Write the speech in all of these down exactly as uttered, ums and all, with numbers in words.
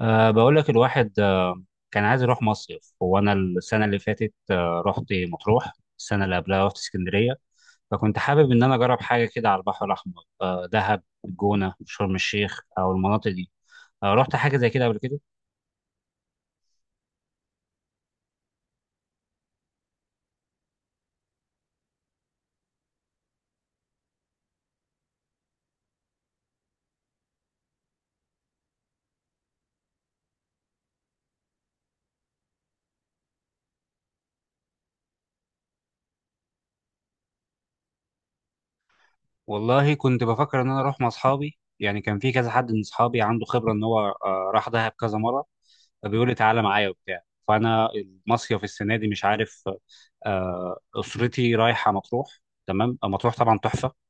أه بقول لك الواحد. آه، كان عايز يروح مصيف. هو أنا السنة اللي فاتت أه رحت مطروح. السنة اللي قبلها رحت اسكندرية، فكنت حابب إن أنا أجرب حاجة كده على البحر الأحمر، أه دهب، الجونة، شرم الشيخ أو المناطق دي. أه رحت حاجة زي كده قبل كده؟ والله كنت بفكر إن أنا أروح مع أصحابي، يعني كان في كذا حد من أصحابي عنده خبرة إن هو أه راح دهب كذا مرة، فبيقول لي تعالى معايا وبتاع. فأنا المصيف السنة دي مش عارف. أه أسرتي رايحة مطروح. تمام. آه، مطروح طبعا تحفة.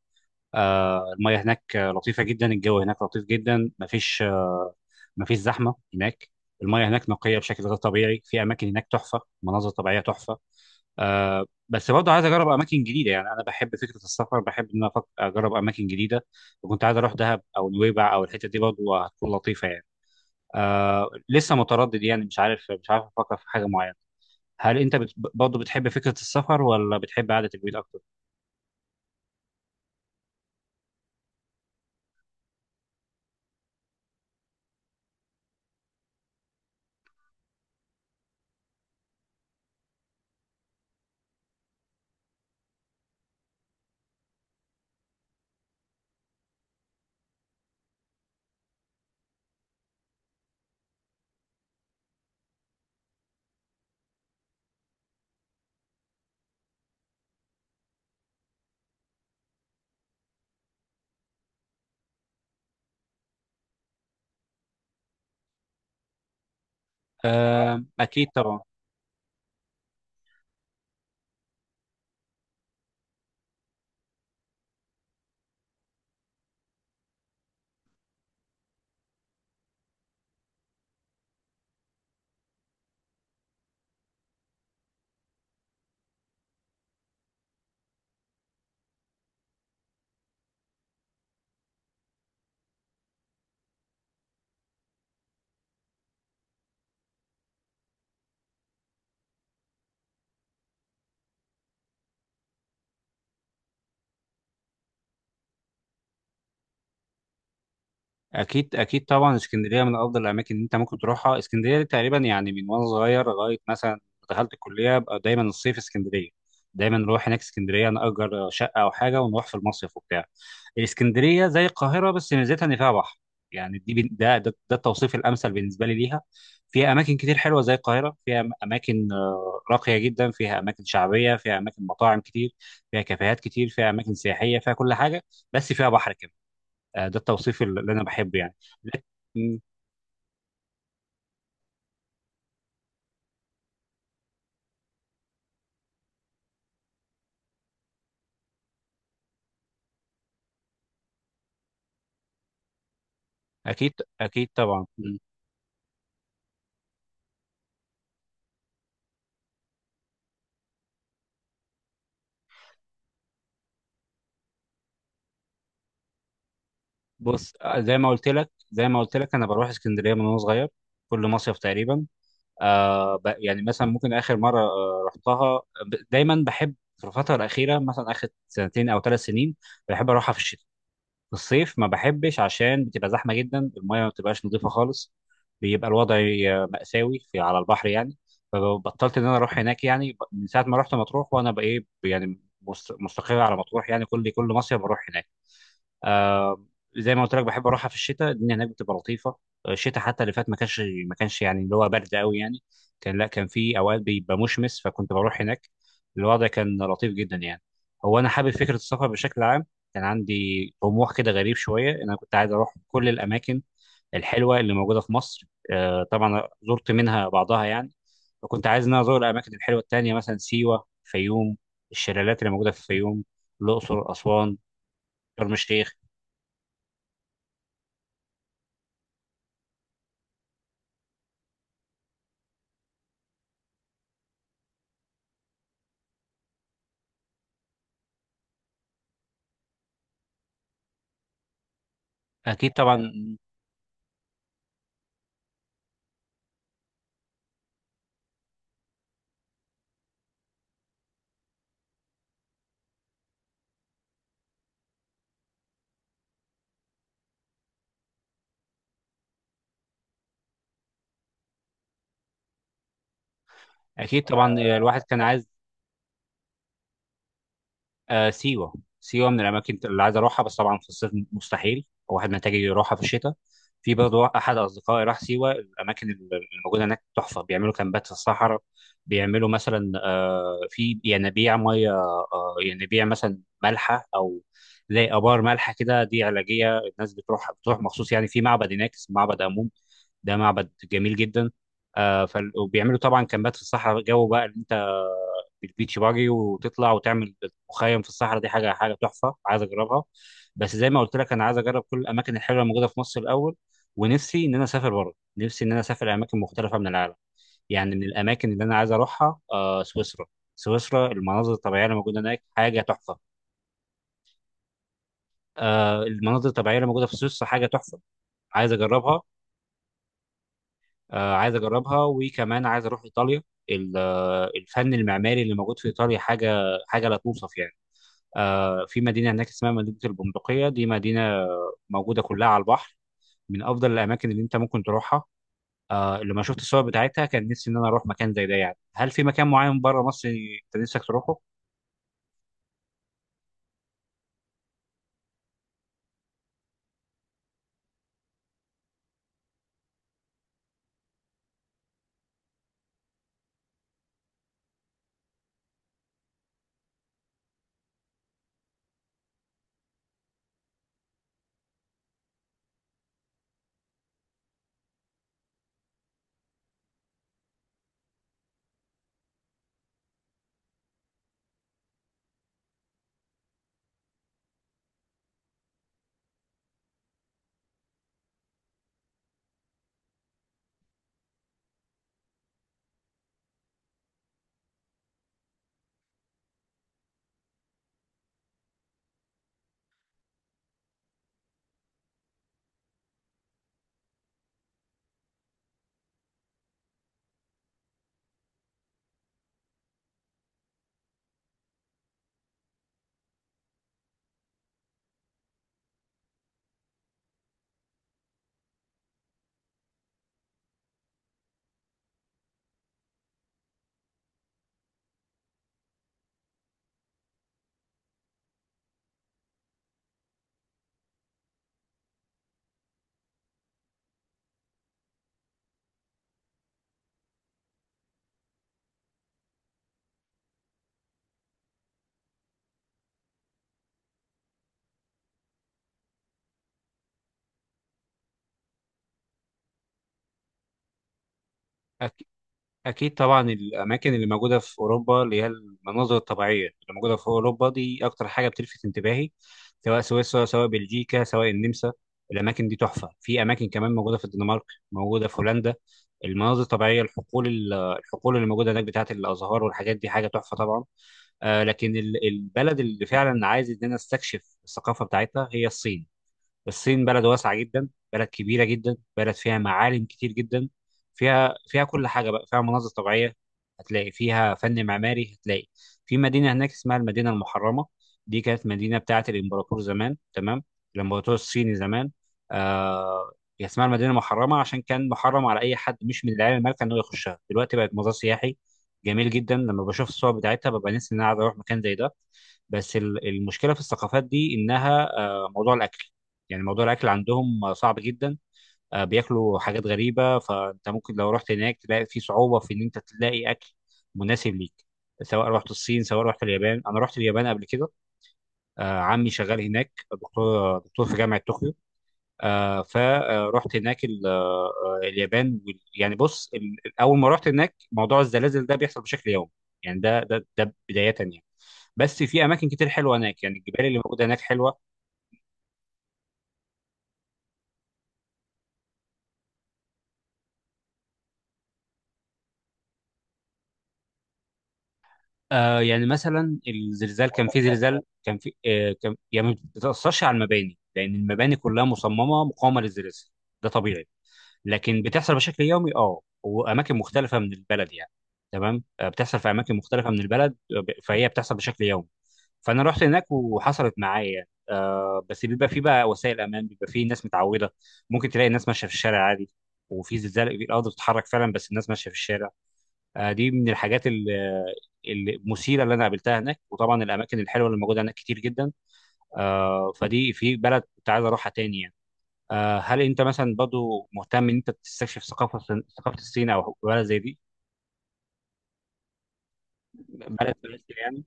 آه، المياه هناك آه، لطيفة جدا، الجو هناك لطيف جدا، مفيش آه، مفيش زحمة هناك. المياه هناك نقية بشكل غير طبيعي، في أماكن هناك تحفة، مناظر طبيعية تحفة. آه، بس برضه عايز أجرب أماكن جديدة، يعني أنا بحب فكرة السفر، بحب إن أنا أفك- أجرب أماكن جديدة. وكنت عايز أروح دهب أو نويبع أو الحتة دي برضه هتكون لطيفة يعني. آه، لسه متردد يعني، مش عارف، مش عارف أفكر في حاجة معينة. هل أنت بت... برضه بتحب فكرة السفر ولا بتحب قعدة البيت أكتر؟ آه، أكيد طبعا. اكيد اكيد طبعا، اسكندريه من افضل الاماكن اللي انت ممكن تروحها. اسكندريه دي تقريبا يعني من وانا صغير لغايه مثلا دخلت الكليه بقى دايما الصيف اسكندريه. دايما نروح هناك اسكندريه، نأجر شقه او حاجه ونروح في المصيف وبتاع. اسكندريه زي القاهره بس ميزتها ان فيها بحر. يعني دي بن- ده ده, ده التوصيف الامثل بالنسبه لي ليها. فيها اماكن كتير حلوه زي القاهره، فيها أم- اماكن آه، راقيه جدا، فيها اماكن شعبيه، فيها اماكن مطاعم كتير، فيها كافيهات كتير، فيها اماكن سياحيه، فيها كل حاجه بس فيها بحر. آه، ده التوصيف اللي انا بحبه يعني. لك- مم، اكيد اكيد طبعا. مم. بص، آه، زي ما قلت لك، زي ما قلت لك انا بروح اسكندريه من وانا صغير كل مصيف تقريبا. آه ب- يعني مثلا ممكن اخر مره آه رحتها، ب- دايما بحب في الفتره الاخيره مثلا اخر سنتين او ثلاث سنين بحب اروحها في الشتاء. في الصيف ما بحبش عشان بتبقى زحمه جدا، المايه ما بتبقاش نظيفه خالص، بيبقى الوضع مأساوي في على البحر يعني. فبطلت ان انا اروح هناك يعني، ب- من ساعه ما رحت مطروح وانا بقى ايه يعني مست- مستقر على مطروح يعني. كل كل مصيف بروح هناك. آه زي ما قلت لك بحب اروحها في الشتاء، الدنيا هناك بتبقى لطيفه. آه، الشتاء حتى اللي فات ما كانش، ما كانش يعني اللي هو برد قوي يعني. كان لا، كان في اوقات بيبقى مشمس فكنت بروح هناك. الوضع كان لطيف جدا يعني. هو انا حابب فكره السفر بشكل عام. كان عندي طموح كده غريب شويه إن انا كنت عايز اروح كل الاماكن الحلوه اللي موجوده في مصر. آه طبعا زرت منها بعضها يعني. وكنت عايز ان انا ازور الاماكن الحلوه التانيه مثلا سيوه، فيوم، الشلالات اللي موجوده في الفيوم، الاقصر، اسوان، شرم الشيخ. اكيد طبعا. اكيد طبعا الواحد كان عايز. آه، سيوه سيوه من الاماكن اللي عايز اروحها بس طبعا في الصيف مستحيل، الواحد محتاج يروحها في الشتاء. في برضه احد اصدقائي راح سيوه، الاماكن اللي موجوده هناك تحفه، بيعملوا كامبات في الصحراء، بيعملوا مثلا آه، في ينابيع ميه، آه، ينابيع مثلا مالحه او زي ابار مالحه كده، دي علاجيه، الناس بتروح، بتروح مخصوص يعني. في معبد هناك اسمه معبد امون، ده معبد جميل جدا. آه، فال- وبيعملوا طبعا كامبات في الصحراء، جو بقى اللي انت بالبيتش باجي وتطلع وتعمل مخيم في الصحراء، دي حاجه حاجه تحفه عايز اجربها. بس زي ما قلت لك انا عايز اجرب كل الاماكن الحلوه الموجوده في مصر الاول، ونفسي ان انا اسافر بره، نفسي ان انا اسافر اماكن مختلفه من العالم يعني. من الاماكن اللي انا عايز اروحها آه سويسرا. سويسرا المناظر الطبيعيه اللي موجوده هناك حاجه تحفه. آه المناظر الطبيعيه اللي موجوده في سويسرا حاجه تحفه، عايز اجربها. آه عايز اجربها، وكمان عايز اروح ايطاليا. ال- آه، الفن المعماري اللي موجود في ايطاليا حاجه، حاجه لا توصف يعني. آه، في مدينه هناك اسمها مدينه البندقيه، دي مدينه موجوده كلها على البحر، من افضل الاماكن اللي انت ممكن تروحها. آه، لما شفت الصور بتاعتها كان نفسي ان انا اروح مكان زي ده يعني. هل في مكان معين بره مصر انت نفسك تروحه؟ أكيد طبعا. الأماكن اللي موجودة في أوروبا، اللي هي المناظر الطبيعية اللي موجودة في أوروبا دي أكتر حاجة بتلفت انتباهي، سواء سويسرا، سواء بلجيكا، سواء النمسا. الأماكن دي تحفة. في أماكن كمان موجودة في الدنمارك، موجودة في هولندا. المناظر الطبيعية، الحقول، ال- الحقول اللي موجودة هناك بتاعة الأزهار والحاجات دي حاجة تحفة طبعا. آه لكن ال- البلد اللي فعلا عايز إن أنا أستكشف الثقافة بتاعتها هي الصين. الصين بلد واسعة جدا، بلد كبيرة جدا، بلد فيها معالم كتير جدا، فيها، فيها كل حاجة بقى، فيها مناظر طبيعية، هتلاقي فيها فن معماري. هتلاقي في مدينة هناك اسمها المدينة المحرمة، دي كانت مدينة بتاعة الإمبراطور زمان. تمام، الإمبراطور الصيني زمان. آه هي اسمها المدينة المحرمة عشان كان محرم على أي حد مش من العيال المالكة إنه يخشها، دلوقتي بقت مزار سياحي جميل جدا. لما بشوف الصور بتاعتها ببقى نفسي إن أنا عايز أروح مكان زي ده. بس ال- المشكلة في الثقافات دي إنها آه موضوع الأكل. يعني موضوع الاكل عندهم صعب جدا. آه، بياكلوا حاجات غريبه، فانت ممكن لو رحت هناك تلاقي في صعوبه في ان انت تلاقي اكل مناسب ليك. سواء رحت الصين سواء رحت اليابان. انا رحت اليابان قبل كده. آه، عمي شغال هناك دكتور، دكتور في جامعه طوكيو. آه، فرحت هناك ال- آه، آه، اليابان وال- يعني بص، ال- اول ما رحت هناك موضوع الزلازل ده بيحصل بشكل يومي، يعني ده ده ده بدايه يعني. بس في اماكن كتير حلوه هناك يعني، الجبال اللي موجوده هناك حلوه. آه يعني مثلا الزلزال كان، في زلزال كان في آه كان يعني ما بتأثرش على المباني لأن المباني كلها مصممة مقاومة للزلازل، ده طبيعي. لكن بتحصل بشكل يومي اه وأماكن مختلفة من البلد يعني. تمام، آه بتحصل في أماكن مختلفة من البلد. آه، ب- فهي بتحصل بشكل يومي. فأنا رحت هناك وحصلت معايا يعني، آه بس بيبقى في بقى وسائل أمان، بيبقى في ناس متعودة، ممكن تلاقي الناس ماشية في الشارع عادي وفي زلزال، الأرض بتتحرك فعلا بس الناس ماشية في الشارع. آه، دي من الحاجات ال- المثيره اللي انا قابلتها هناك، وطبعا الاماكن الحلوه اللي موجوده هناك كتير جدا. آه، فدي في بلد كنت عايز اروحها تاني يعني. آه، هل انت مثلا برضو مهتم ان انت تستكشف ثقافه، ثقافه الصين او بلد زي دي؟ بلد في آسيا يعني.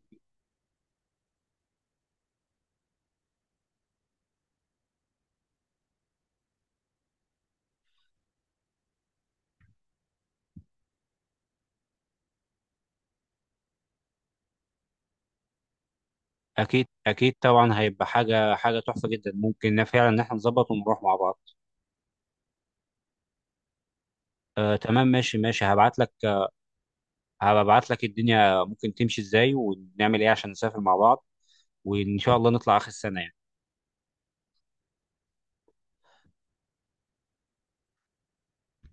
اكيد اكيد طبعا، هيبقى حاجه حاجه تحفه جدا، ممكن فعلا ان احنا نظبط ونروح مع بعض. آه، تمام، ماشي ماشي. هبعت لك هبعت لك الدنيا ممكن تمشي ازاي ونعمل ايه عشان نسافر مع بعض، وان شاء الله نطلع اخر السنه يعني.